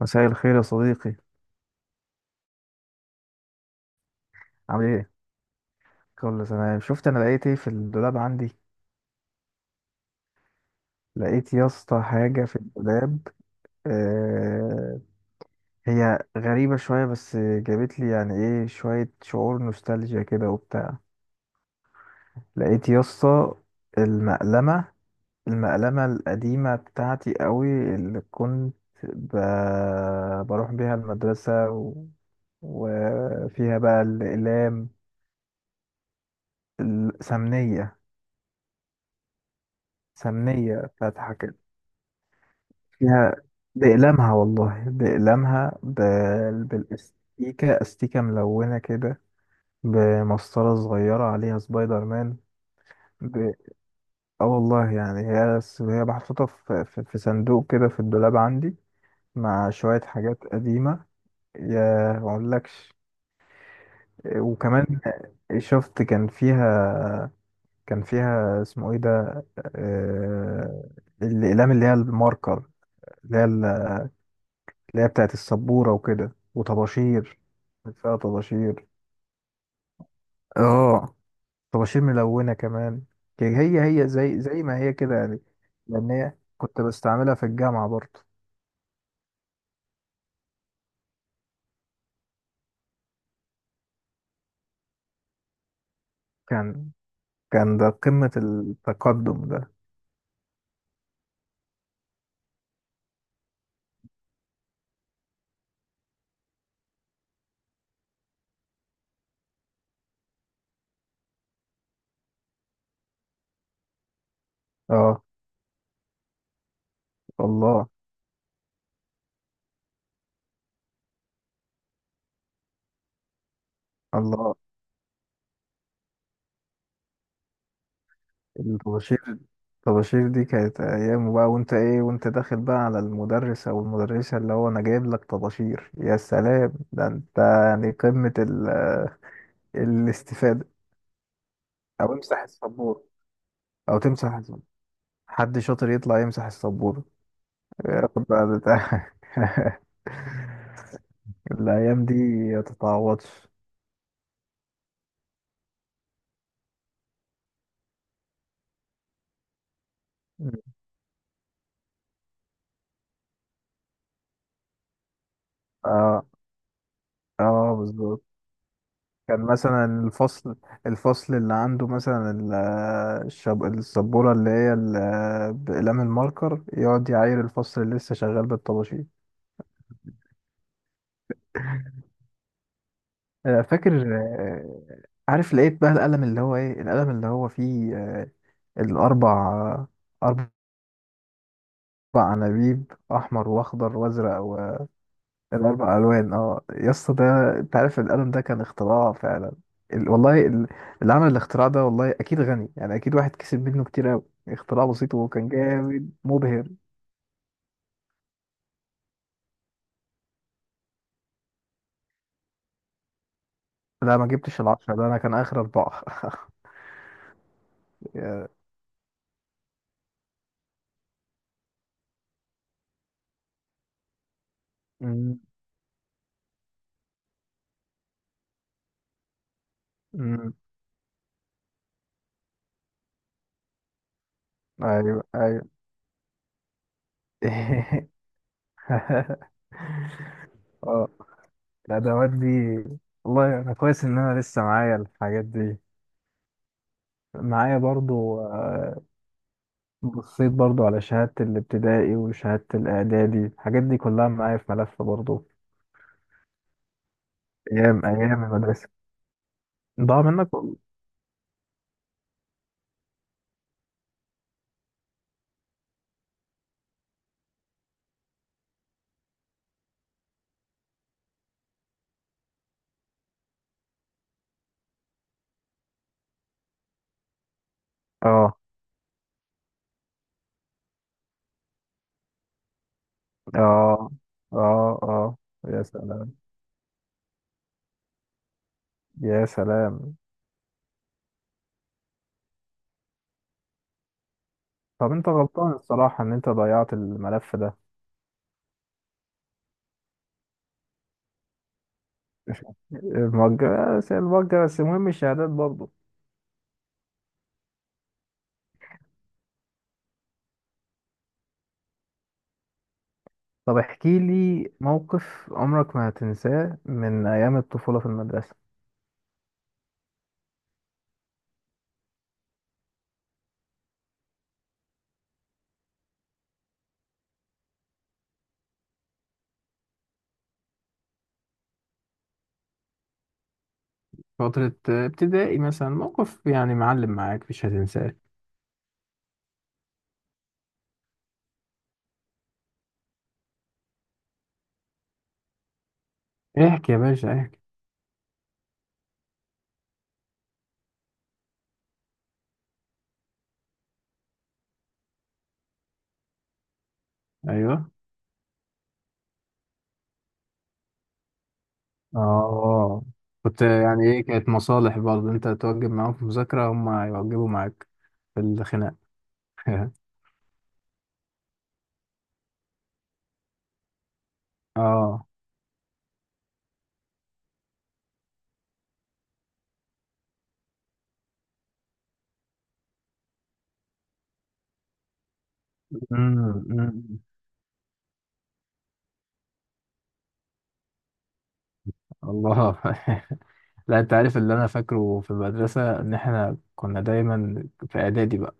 مساء الخير يا صديقي. عامل ايه؟ كله تمام. شفت انا لقيت ايه في الدولاب عندي. لقيت يا اسطى حاجه في الدولاب. آه، هي غريبه شويه، بس جابت لي يعني ايه شويه شعور نوستالجيا كده وبتاع. لقيت يا اسطى المقلمه المقلمه القديمه بتاعتي قوي، اللي كنت ب... بروح بيها المدرسه وفيها بقى الاقلام. السمنيه بتاعت، فيها بأقلامها، والله بأقلامها، بالاستيكة، استيكة ملونة كده، بمسطرة صغيرة عليها سبايدر مان. ب... اه، والله يعني هي هي محطوطة في صندوق كده في الدولاب عندي، مع شوية حاجات قديمة. يا ما اقولكش. وكمان شفت كان فيها اسمه ايه ده، آه، الأقلام اللي هي الماركر، اللي هي اللي هي بتاعت السبورة وكده، وطباشير. كان فيها طباشير. اه، طباشير ملونة كمان. كان هي هي زي زي ما هي كده يعني، لأن هي كنت بستعملها في الجامعة برضه. كان كان ده قمة التقدم ده. اه. الله. الله. الطباشير الطباشير دي كانت أيام، بقى وأنت إيه وأنت داخل بقى على المدرس أو المدرسة، اللي هو أنا جايب لك طباشير، يا سلام، ده أنت يعني قمة الاستفادة. أو امسح السبورة. او تمسح حد شاطر يطلع يمسح السبورة، ياخد بقى بتاع. الايام دي ما تتعوضش. اه، اه، بالظبط. كان مثلا الفصل اللي عنده مثلا، السبورة اللي هي بأقلام الماركر، يقعد يعاير الفصل اللي لسه شغال بالطباشير. فاكر. عارف، لقيت بقى القلم، اللي هو ايه، القلم اللي هو فيه الأربع أربع اربع عناويب: احمر واخضر وازرق، والاربع الوان. اه يا اسطى ده. انت عارف القلم ده كان اختراع فعلا. والله، اللي عمل الاختراع ده، والله اكيد غني، يعني اكيد واحد كسب منه كتير قوي. اختراع بسيط وكان جامد مبهر. لا، ما جبتش العشرة ده، انا كان اخر اربعة. يا- أمم، أمم. ايوه، ايوه. اه. الادوات دي، والله انا كويس ان انا لسه معايا الحاجات دي، معايا برضو. بصيت برضو على شهادة الابتدائي وشهادة الإعدادي، الحاجات دي كلها معايا في ملف برضو. أيام أيام المدرسة. ضاع منك آه، آه، آه، آه. يا سلام، يا سلام. طب أنت غلطان الصراحة إن أنت ضيعت الملف ده. الموجه بس، الموجه بس، المهم الشهادات برضو. طب احكي لي موقف عمرك ما هتنساه من أيام الطفولة في المدرسة. فترة ابتدائي مثلا، موقف يعني معلم معاك مش هتنساه. احكي يا باشا احكي. ايوه، اه. كنت يعني ايه، كانت مصالح برضه، انت توجب معاهم في مذاكرة هم يوجبوا معاك في الخناق. اه. أمم، أمم. الله. لا، انت عارف اللي انا فاكره في المدرسة، ان احنا كنا دايما في اعدادي بقى.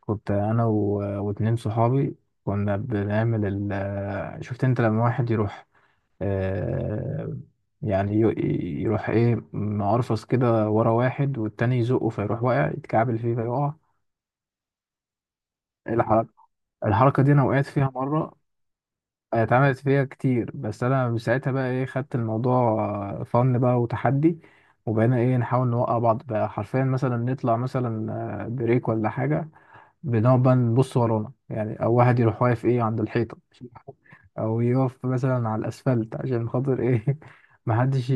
كنت انا واتنين صحابي، كنا بنعمل شفت انت لما واحد يروح، آه، يعني يروح ايه معرفص كده ورا واحد، والتاني يزقه، فيروح واقع يتكعبل فيه فيقع. الحركة الحركة دي أنا وقعت فيها مرة. اتعملت فيها كتير، بس أنا من ساعتها بقى ايه خدت الموضوع فن بقى وتحدي، وبقينا ايه نحاول نوقع بعض بقى حرفيا، مثلا نطلع مثلا بريك ولا حاجة، بنقعد بقى نبص ورانا، يعني أو واحد يروح واقف ايه عند الحيطة، أو يقف مثلا على الأسفلت عشان خاطر ايه، محدش.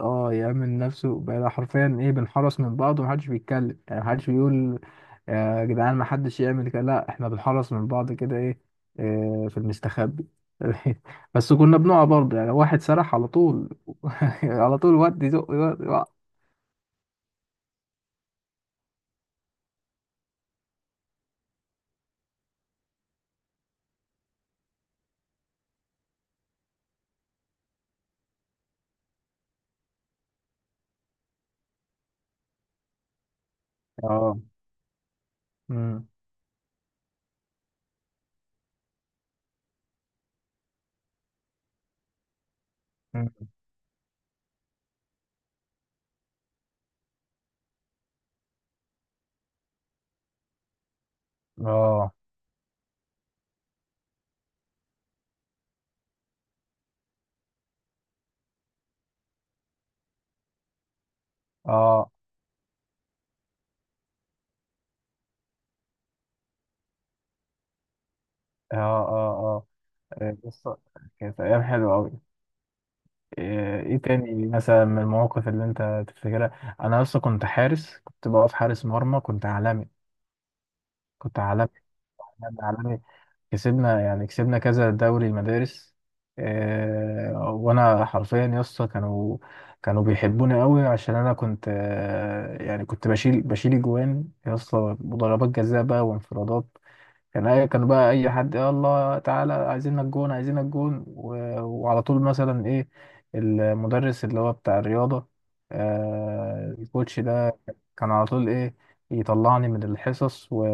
اه، يأمن نفسه بقى، حرفيا ايه بنحرس من بعض، ومحدش بيتكلم، يعني محدش بيقول يا جدعان محدش يعمل كده، لا، احنا بنحرس من بعض كده ايه، في المستخبي. بس كنا بنقع برضه يعني، واحد سرح على طول، على طول ودي زق ودي وق. اه. امم. أمم. اه، اه، اه، اه، اه. بص، كانت ايام حلوه قوي. ايه تاني مثلا من المواقف اللي انت تفتكرها؟ انا اصلا كنت حارس، كنت بقف حارس مرمى، كنت عالمي. كنت عالمي، عالمي عالمي. كسبنا يعني كسبنا كذا دوري المدارس. وانا حرفيا يا اسطى، كانوا بيحبوني قوي، عشان انا كنت يعني كنت بشيل اجوان يا اسطى، وضربات جزاء بقى وانفرادات. كان اي كانوا بقى اي حد يلا تعالى، عايزينك جون، عايزينك جون. وعلى طول مثلا ايه، المدرس اللي هو بتاع الرياضة، الكوتش ده، كان على طول ايه يطلعني من الحصص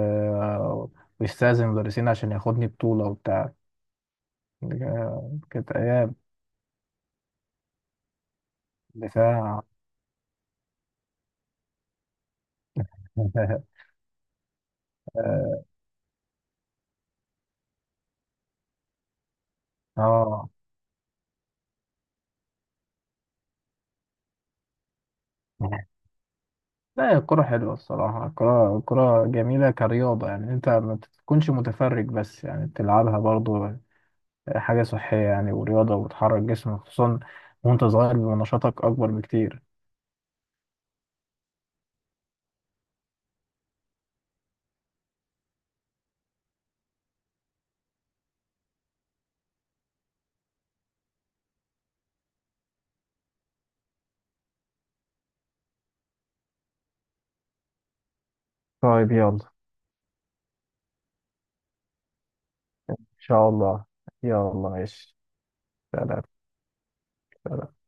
ويستأذن المدرسين عشان ياخدني بطولة وبتاع. كانت أيام. دفاع. اه، لا، الكرة حلوة الصراحة، الكرة جميلة كرياضة، يعني انت ما تكونش متفرج بس، يعني تلعبها برضو. حاجة صحية يعني، ورياضة وبتحرك جسمك، خصوصا وانت صغير بيبقى نشاطك أكبر بكتير. طيب يلا. إن شاء الله. يلا ماشي. سلام. سلام.